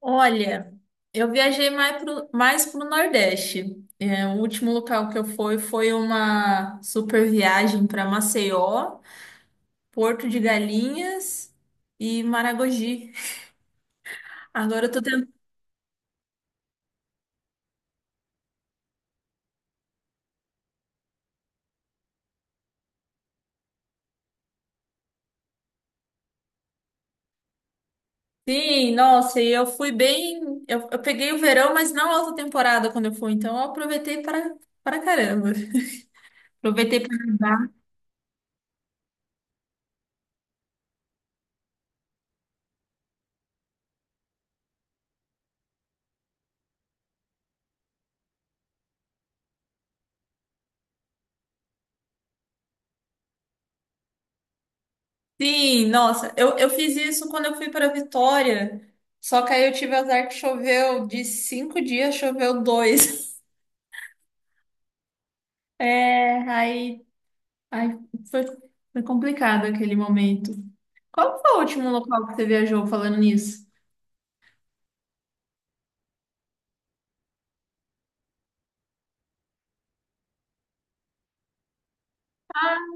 Olha, eu viajei mais pro Nordeste. É, o último local que eu fui foi uma super viagem para Maceió, Porto de Galinhas e Maragogi. Agora eu tô tentando. Sim, nossa, e eu fui bem. Eu peguei o verão, mas não alta temporada quando eu fui, então eu aproveitei para caramba. Aproveitei para nadar. Sim, nossa, eu fiz isso quando eu fui para Vitória, só que aí eu tive azar que choveu, de 5 dias choveu dois. É, aí foi, foi complicado aquele momento. Qual foi o último local que você viajou falando nisso? Ah,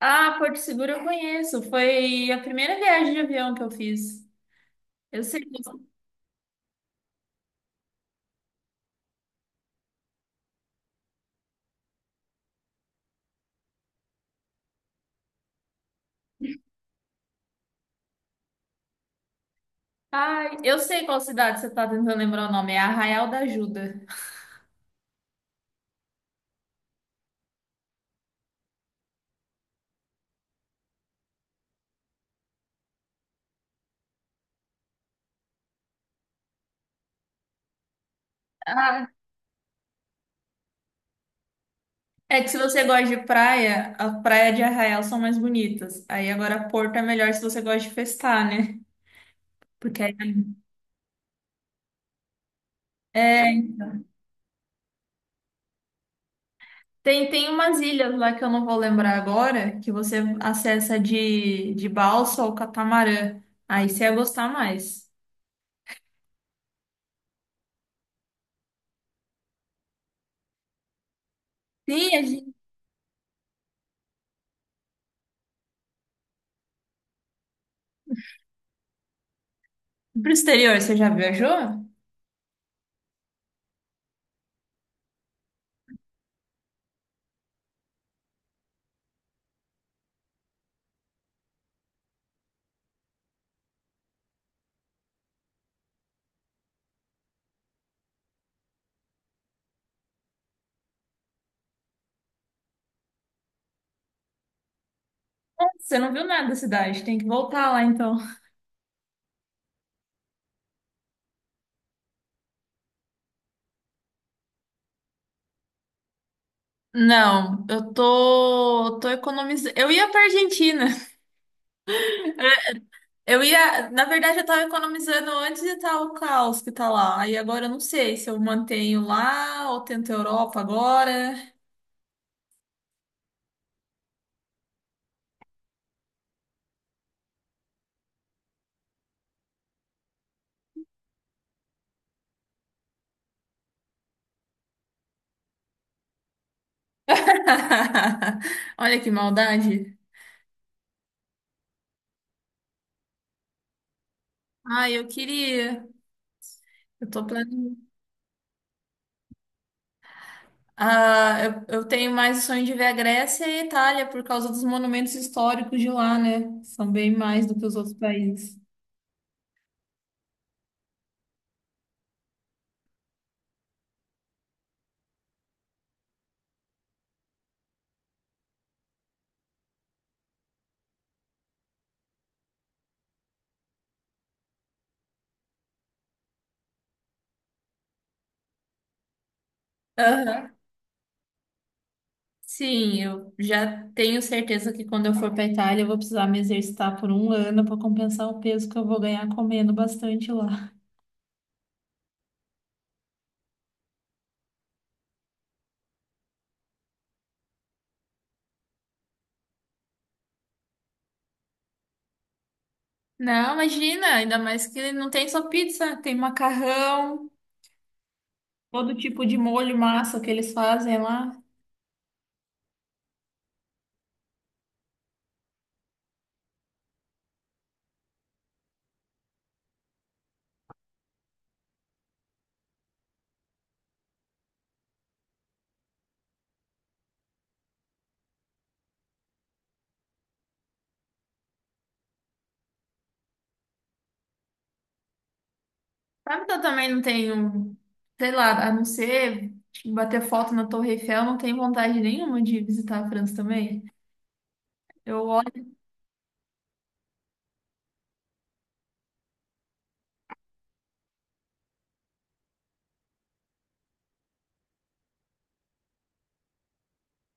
ah, Porto Seguro eu conheço, foi a primeira viagem de avião que eu fiz. Eu sei. Ai, eu sei qual cidade você está tentando lembrar o nome, é Arraial da Ajuda. Ah, é que se você gosta de praia, a praia de Arraial são mais bonitas. Aí agora Porto é melhor se você gosta de festar, né? Porque aí é, tem umas ilhas lá que eu não vou lembrar agora, que você acessa de balsa ou catamarã. Aí você ia gostar mais. Sim, a gente... Pro exterior, você já viajou? Você não viu nada da cidade, tem que voltar lá então. Não, eu tô economizando. Eu ia pra Argentina. Na verdade, eu tava economizando antes de tal o caos que tá lá. Aí agora eu não sei se eu mantenho lá ou tento Europa agora. Olha que maldade. Ah, eu queria. Eu tô planejando. Ah, eu tenho mais o sonho de ver a Grécia e a Itália por causa dos monumentos históricos de lá, né? São bem mais do que os outros países. Aham. Sim, eu já tenho certeza que quando eu for para Itália eu vou precisar me exercitar por um ano para compensar o peso que eu vou ganhar comendo bastante lá. Não, imagina, ainda mais que não tem só pizza, tem macarrão, todo tipo de molho, massa que eles fazem lá. Sabe que eu também não tenho, sei lá, a não ser tipo, bater foto na Torre Eiffel, não tenho vontade nenhuma de visitar a França também. Eu olho,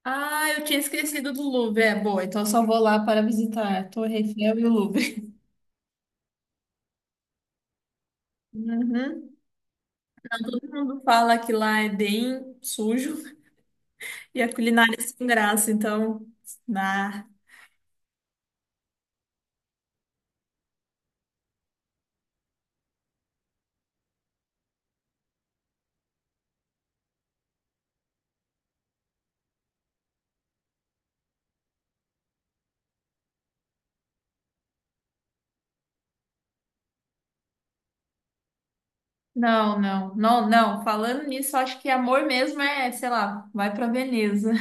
ah, eu tinha esquecido do Louvre, é boa, então eu só vou lá para visitar a Torre Eiffel e o Louvre. Uhum. Todo mundo fala que lá é bem sujo e a culinária é sem graça, então, nah. Não, não, não, não. Falando nisso, eu acho que amor mesmo é, sei lá, vai para Veneza.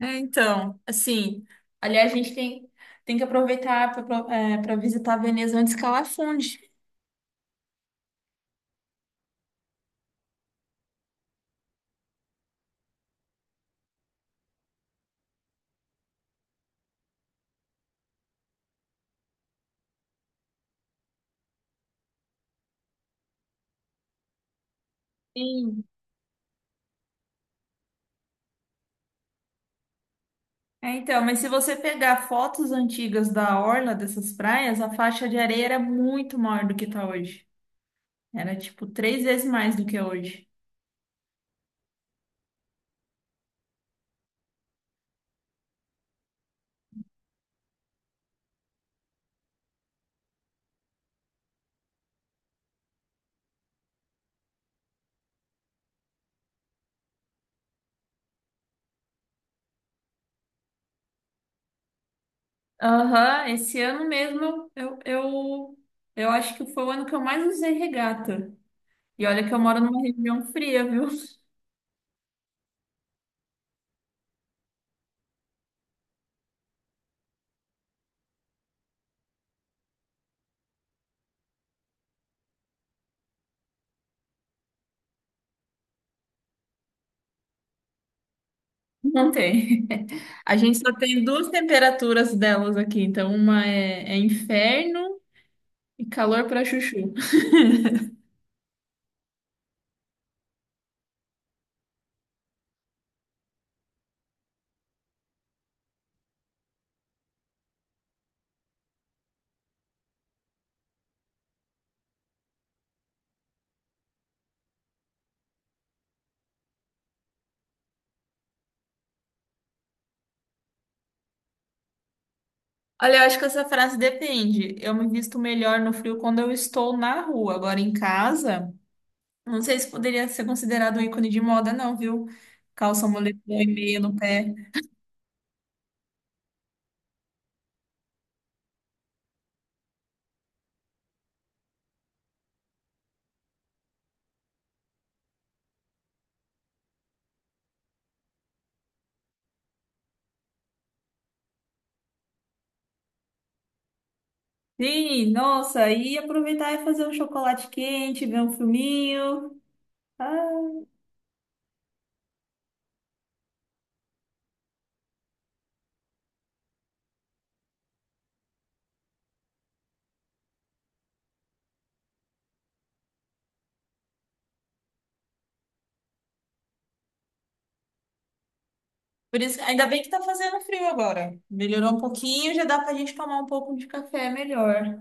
É, então, assim, aliás, a gente tem que aproveitar para visitar Veneza antes que ela afunde. Sim. É, então, mas se você pegar fotos antigas da orla dessas praias, a faixa de areia era muito maior do que está hoje. Era tipo três vezes mais do que é hoje. Aham, esse ano mesmo eu acho que foi o ano que eu mais usei regata. E olha que eu moro numa região fria, viu? Não tem. A gente só tem duas temperaturas delas aqui, então uma é inferno e calor pra chuchu. Olha, eu acho que essa frase depende. Eu me visto melhor no frio quando eu estou na rua, agora em casa. Não sei se poderia ser considerado um ícone de moda, não, viu? Calça moletom e meia no pé. Sim, nossa, e aproveitar e fazer um chocolate quente, ver um filminho. Ah, por isso, ainda bem que tá fazendo frio agora. Melhorou um pouquinho, já dá pra gente tomar um pouco de café melhor.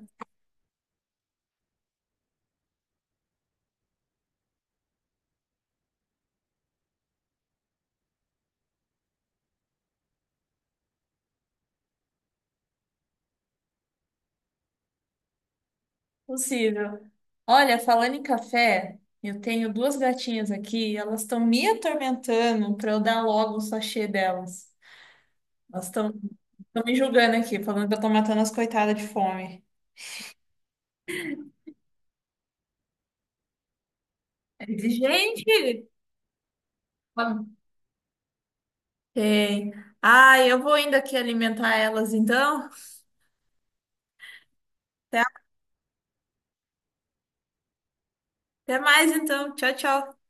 Possível. Olha, falando em café, eu tenho duas gatinhas aqui, elas estão me atormentando pra eu dar logo o sachê delas. Elas estão me julgando aqui, falando que eu tô matando as coitadas de fome. Eu disse, Gente, tem. Ai, eu vou ainda aqui alimentar elas então. Tá? Até mais, então. Tchau, tchau.